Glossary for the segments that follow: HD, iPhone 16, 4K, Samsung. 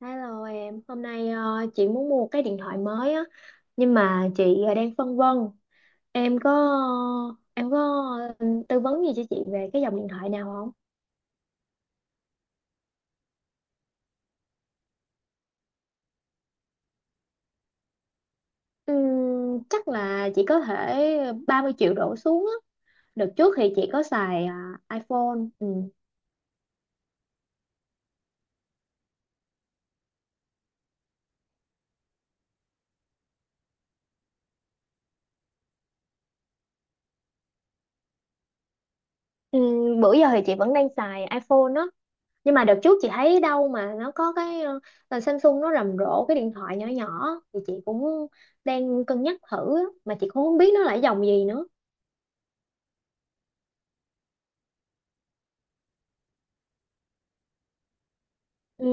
Hello em, hôm nay chị muốn mua cái điện thoại mới á, nhưng mà chị đang phân vân. Em có em có tư vấn gì cho chị về cái dòng điện thoại nào không? Chắc là chị có thể 30 triệu đổ xuống á. Đợt trước thì chị có xài iPhone. Ừm. Bữa giờ thì chị vẫn đang xài iPhone á, nhưng mà đợt trước chị thấy đâu mà nó có cái là Samsung nó rầm rộ cái điện thoại nhỏ nhỏ thì chị cũng đang cân nhắc thử á, mà chị cũng không biết nó là cái dòng gì nữa. Ừ.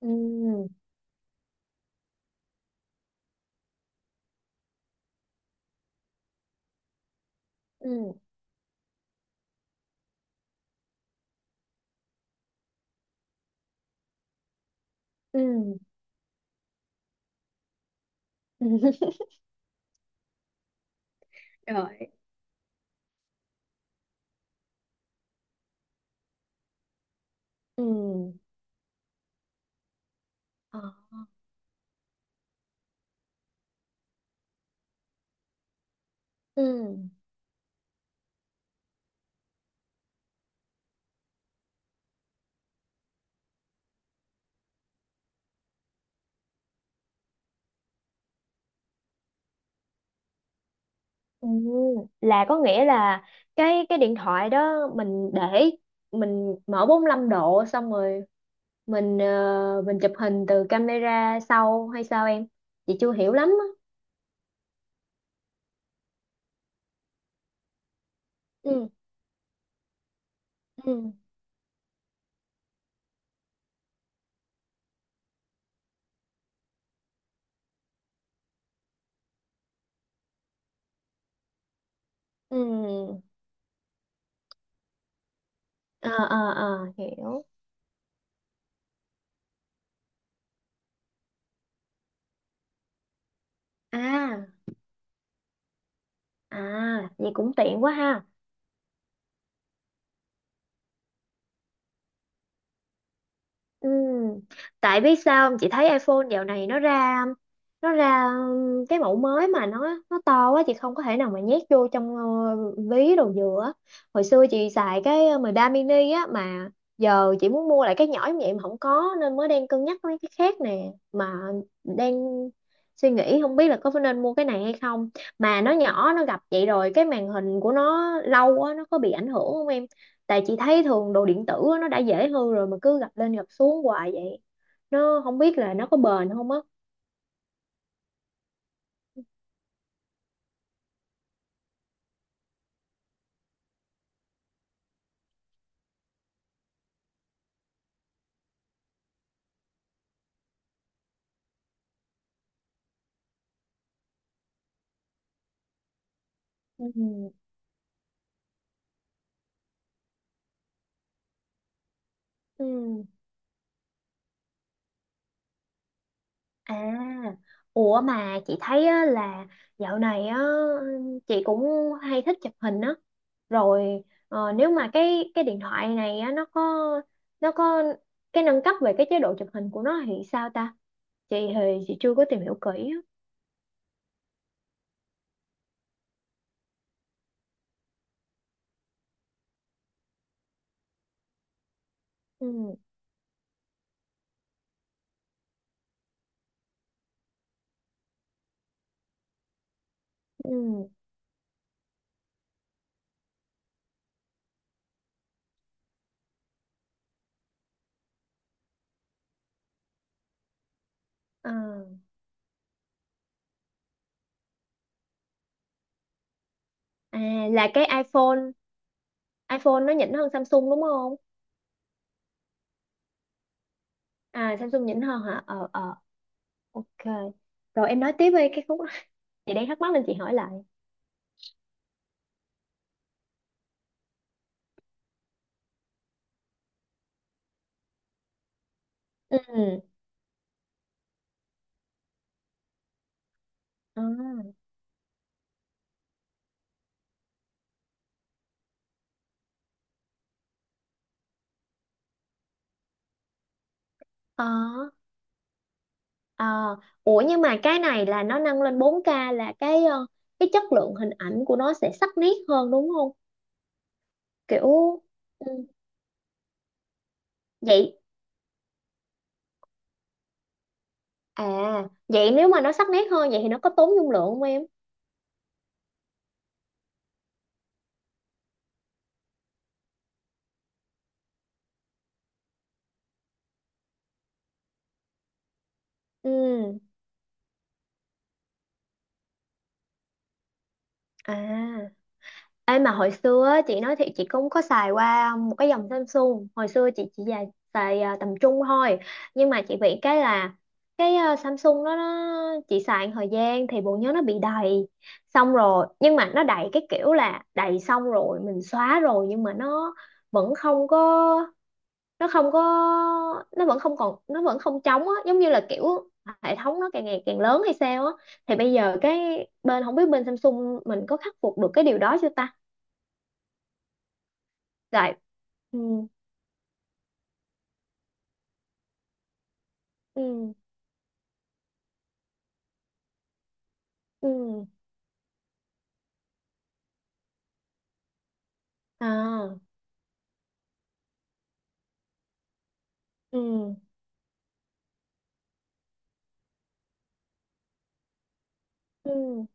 Ừ. Ừ. Ừ. Rồi. Ừ. Ờ. Ừ. Ừ. Là có nghĩa là cái điện thoại đó mình để mình mở 45 độ xong rồi mình chụp hình từ camera sau hay sao em, chị chưa hiểu lắm á. Ừ. Ừ. Ừ. Ờ, ờ, ờ, hiểu. À, à, vậy cũng tiện quá ha. Ừ. Tại biết sao không? Chị thấy iPhone dạo này nó ra cái mẫu mới mà nó to quá chị không có thể nào mà nhét vô trong ví đồ dừa á. Hồi xưa chị xài cái 13 mini á, mà giờ chị muốn mua lại cái nhỏ như vậy mà không có, nên mới đang cân nhắc mấy cái khác nè, mà đang suy nghĩ không biết là có nên mua cái này hay không, mà nó nhỏ nó gặp vậy rồi cái màn hình của nó lâu quá nó có bị ảnh hưởng không em, tại chị thấy thường đồ điện tử á, nó đã dễ hư rồi mà cứ gập lên gập xuống hoài vậy nó không biết là nó có bền không á. Ừ. Ừ. À, ủa mà chị thấy á, là dạo này á chị cũng hay thích chụp hình á rồi. Nếu mà cái điện thoại này á nó có cái nâng cấp về cái chế độ chụp hình của nó thì sao ta, chị thì chị chưa có tìm hiểu kỹ á. Ừ. Ừ. à, À, là cái iPhone iPhone nó nhỉnh hơn Samsung đúng không? À, Samsung nhỉnh hơn hả? Ờ, ờ, ok. Rồi em nói tiếp đi cái khúc đó, chị đang thắc mắc nên chị hỏi lại. Ừ. à, ờ, ờ. Ủa nhưng mà cái này là nó nâng lên 4K, là cái chất lượng hình ảnh của nó sẽ sắc nét hơn đúng không, kiểu. Ừ. Vậy. À, vậy nếu mà nó sắc nét hơn vậy thì nó có tốn dung lượng không em? Ừ. À. Ê mà hồi xưa á, chị nói thiệt chị cũng có xài qua một cái dòng Samsung. Hồi xưa chị chỉ xài, tầm trung thôi. Nhưng mà chị bị cái là Samsung đó nó chị xài một thời gian thì bộ nhớ nó bị đầy. Xong rồi nhưng mà nó đầy cái kiểu là đầy xong rồi mình xóa rồi nhưng mà nó vẫn không có, nó không có, nó vẫn không còn, nó vẫn không trống á, giống như là kiểu hệ thống nó càng ngày càng lớn hay sao á. Thì bây giờ cái bên, không biết bên Samsung mình có khắc phục được cái điều đó chưa ta? Dạ. Ừ. Ừ. Ừ. À. Ừ. Ừ.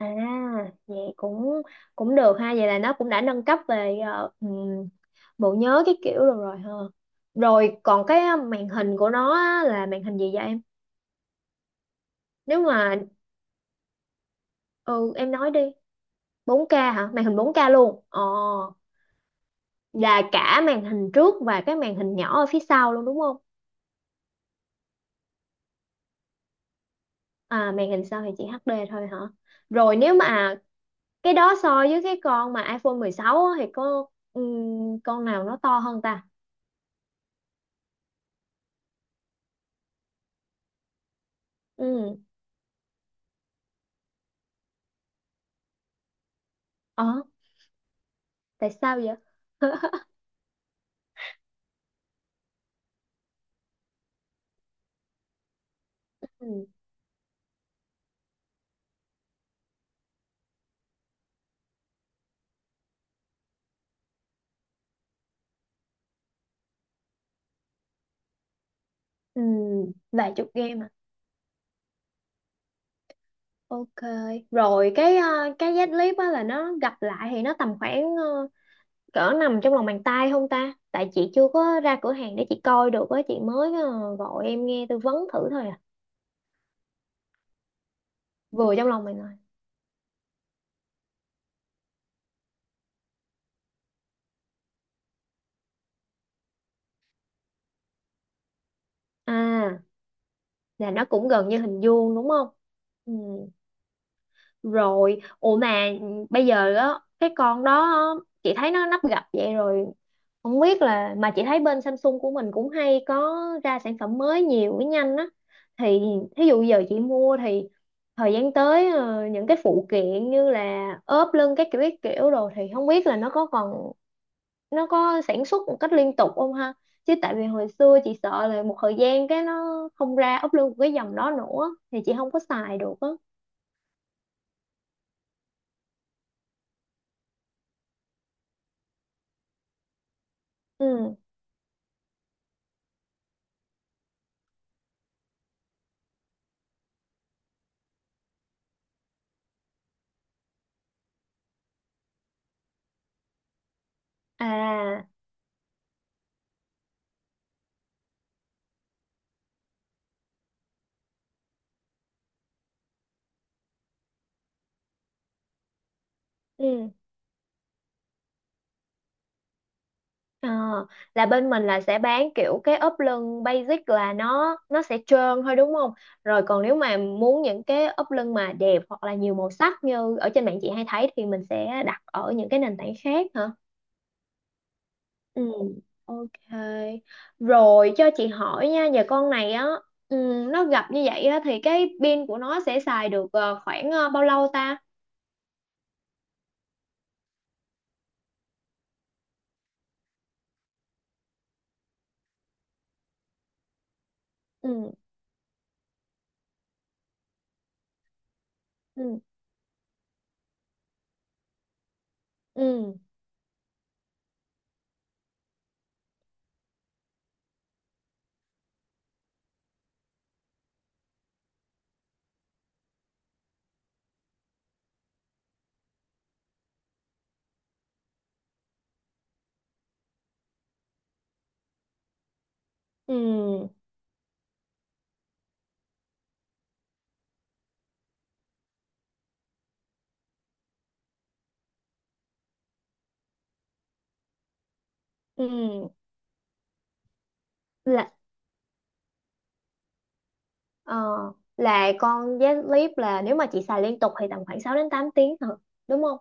À, vậy cũng cũng được ha, vậy là nó cũng đã nâng cấp về bộ nhớ cái kiểu rồi rồi ha. Rồi còn cái màn hình của nó á, là màn hình gì vậy em? Nếu mà Ừ, em nói đi, 4K hả? Màn hình 4K luôn. Ồ, là cả màn hình trước và cái màn hình nhỏ ở phía sau luôn đúng không? À, màn hình sau thì chỉ HD thôi hả? Rồi nếu mà cái đó so với cái con mà iPhone 16 á, thì có con nào nó to hơn ta? Ừ. Ờ, tại sao vậy? Ừ. Ừ. Vài chục game à? Ok. Rồi cái dắt clip á là nó gặp lại thì nó tầm khoảng cỡ nằm trong lòng bàn tay không ta, tại chị chưa có ra cửa hàng để chị coi được á, chị mới gọi em nghe tư vấn thử thôi à. Vừa trong lòng bàn tay. À, là nó cũng gần như hình vuông đúng không? Ừ. Rồi ủa mà bây giờ á, cái con đó á, chị thấy nó nắp gập vậy rồi, không biết là, mà chị thấy bên Samsung của mình cũng hay có ra sản phẩm mới nhiều với nhanh á, thì thí dụ giờ chị mua, thì thời gian tới những cái phụ kiện như là ốp lưng các kiểu đồ thì không biết là nó có sản xuất một cách liên tục không ha, chứ tại vì hồi xưa chị sợ là một thời gian cái nó không ra ốp lưng của cái dòng đó nữa thì chị không có xài được á. Ừ. À. Ừ. Ờ, là bên mình là sẽ bán kiểu cái ốp lưng basic là nó sẽ trơn thôi đúng không? Rồi còn nếu mà muốn những cái ốp lưng mà đẹp hoặc là nhiều màu sắc như ở trên mạng chị hay thấy thì mình sẽ đặt ở những cái nền tảng khác hả? Ừ, ok. Rồi cho chị hỏi nha, giờ con này á, ừ, nó gập như vậy á thì cái pin của nó sẽ xài được khoảng bao lâu ta? Ừ, ừ, ừ, ừ, ừ. Ừ. Ờ, là con giá clip là nếu mà chị xài liên tục thì tầm khoảng 6 đến 8 tiếng thôi, đúng không?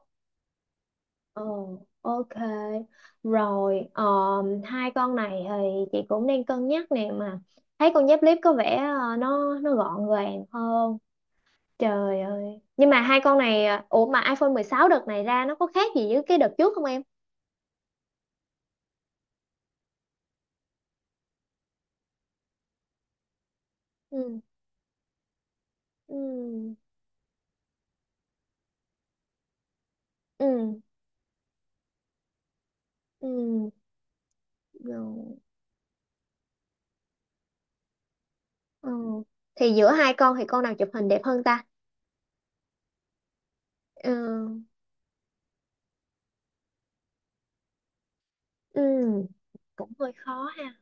Ờ, ok. Rồi, hai con này thì chị cũng đang cân nhắc nè, mà thấy con dép clip có vẻ nó gọn gàng hơn. Trời ơi. Nhưng mà hai con này ủa mà iPhone 16 đợt này ra nó có khác gì với cái đợt trước không em? Ừ. Ừ. Ừ. Ừ. Ừ. Ừ. Thì giữa hai con thì con nào chụp hình đẹp hơn ta? Ừ. Ừ. Cũng hơi khó ha,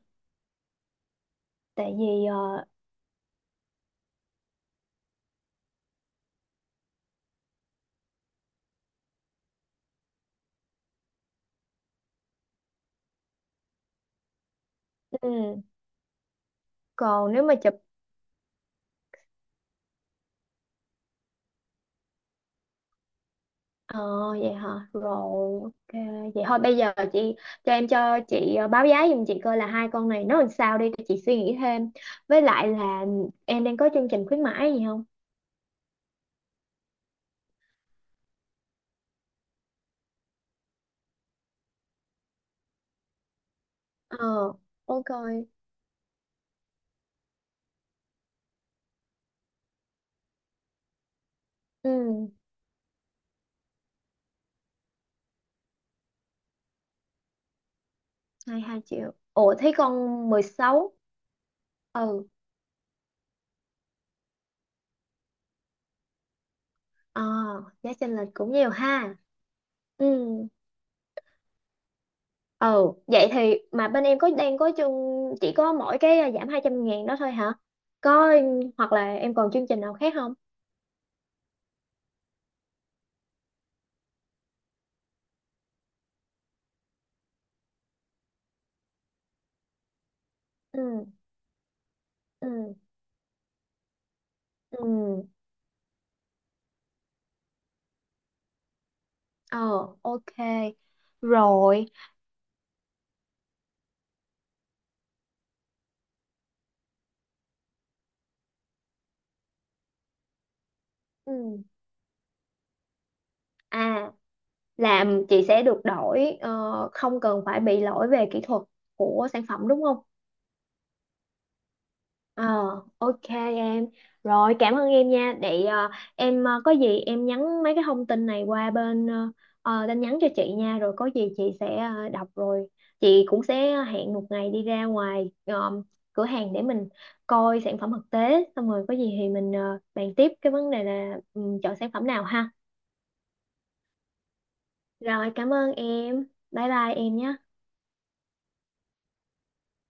tại vì ờ, ừ, còn nếu mà chụp. ờ, Vậy hả, rồi ok. Vậy thôi bây giờ chị cho chị báo giá giùm chị coi là hai con này nó làm sao đi để chị suy nghĩ thêm, với lại là em đang có chương trình khuyến mãi gì không? Ờ, ok. Ừ, 22 triệu, ủa thấy con 16. Ừ. Ờ, giá chênh lệch cũng nhiều ha. Ừ. Ừ. Vậy thì mà bên em đang có chương, chỉ có mỗi cái giảm 200.000 đó thôi hả? Có hoặc là em còn chương trình nào khác không? Ừ. Ừ. Ừ. Ờ, ok. Rồi. Ừ. À, làm chị sẽ được đổi, không cần phải bị lỗi về kỹ thuật của sản phẩm đúng không? Ờ, ok em. Rồi, cảm ơn em nha. Để em có gì em nhắn mấy cái thông tin này qua bên tin nhắn cho chị nha. Rồi có gì chị sẽ đọc rồi. Chị cũng sẽ hẹn một ngày đi ra ngoài cửa hàng để mình coi sản phẩm thực tế. Xong rồi có gì thì mình bàn tiếp cái vấn đề là chọn sản phẩm nào ha. Rồi, cảm ơn em. Bye bye em nhé.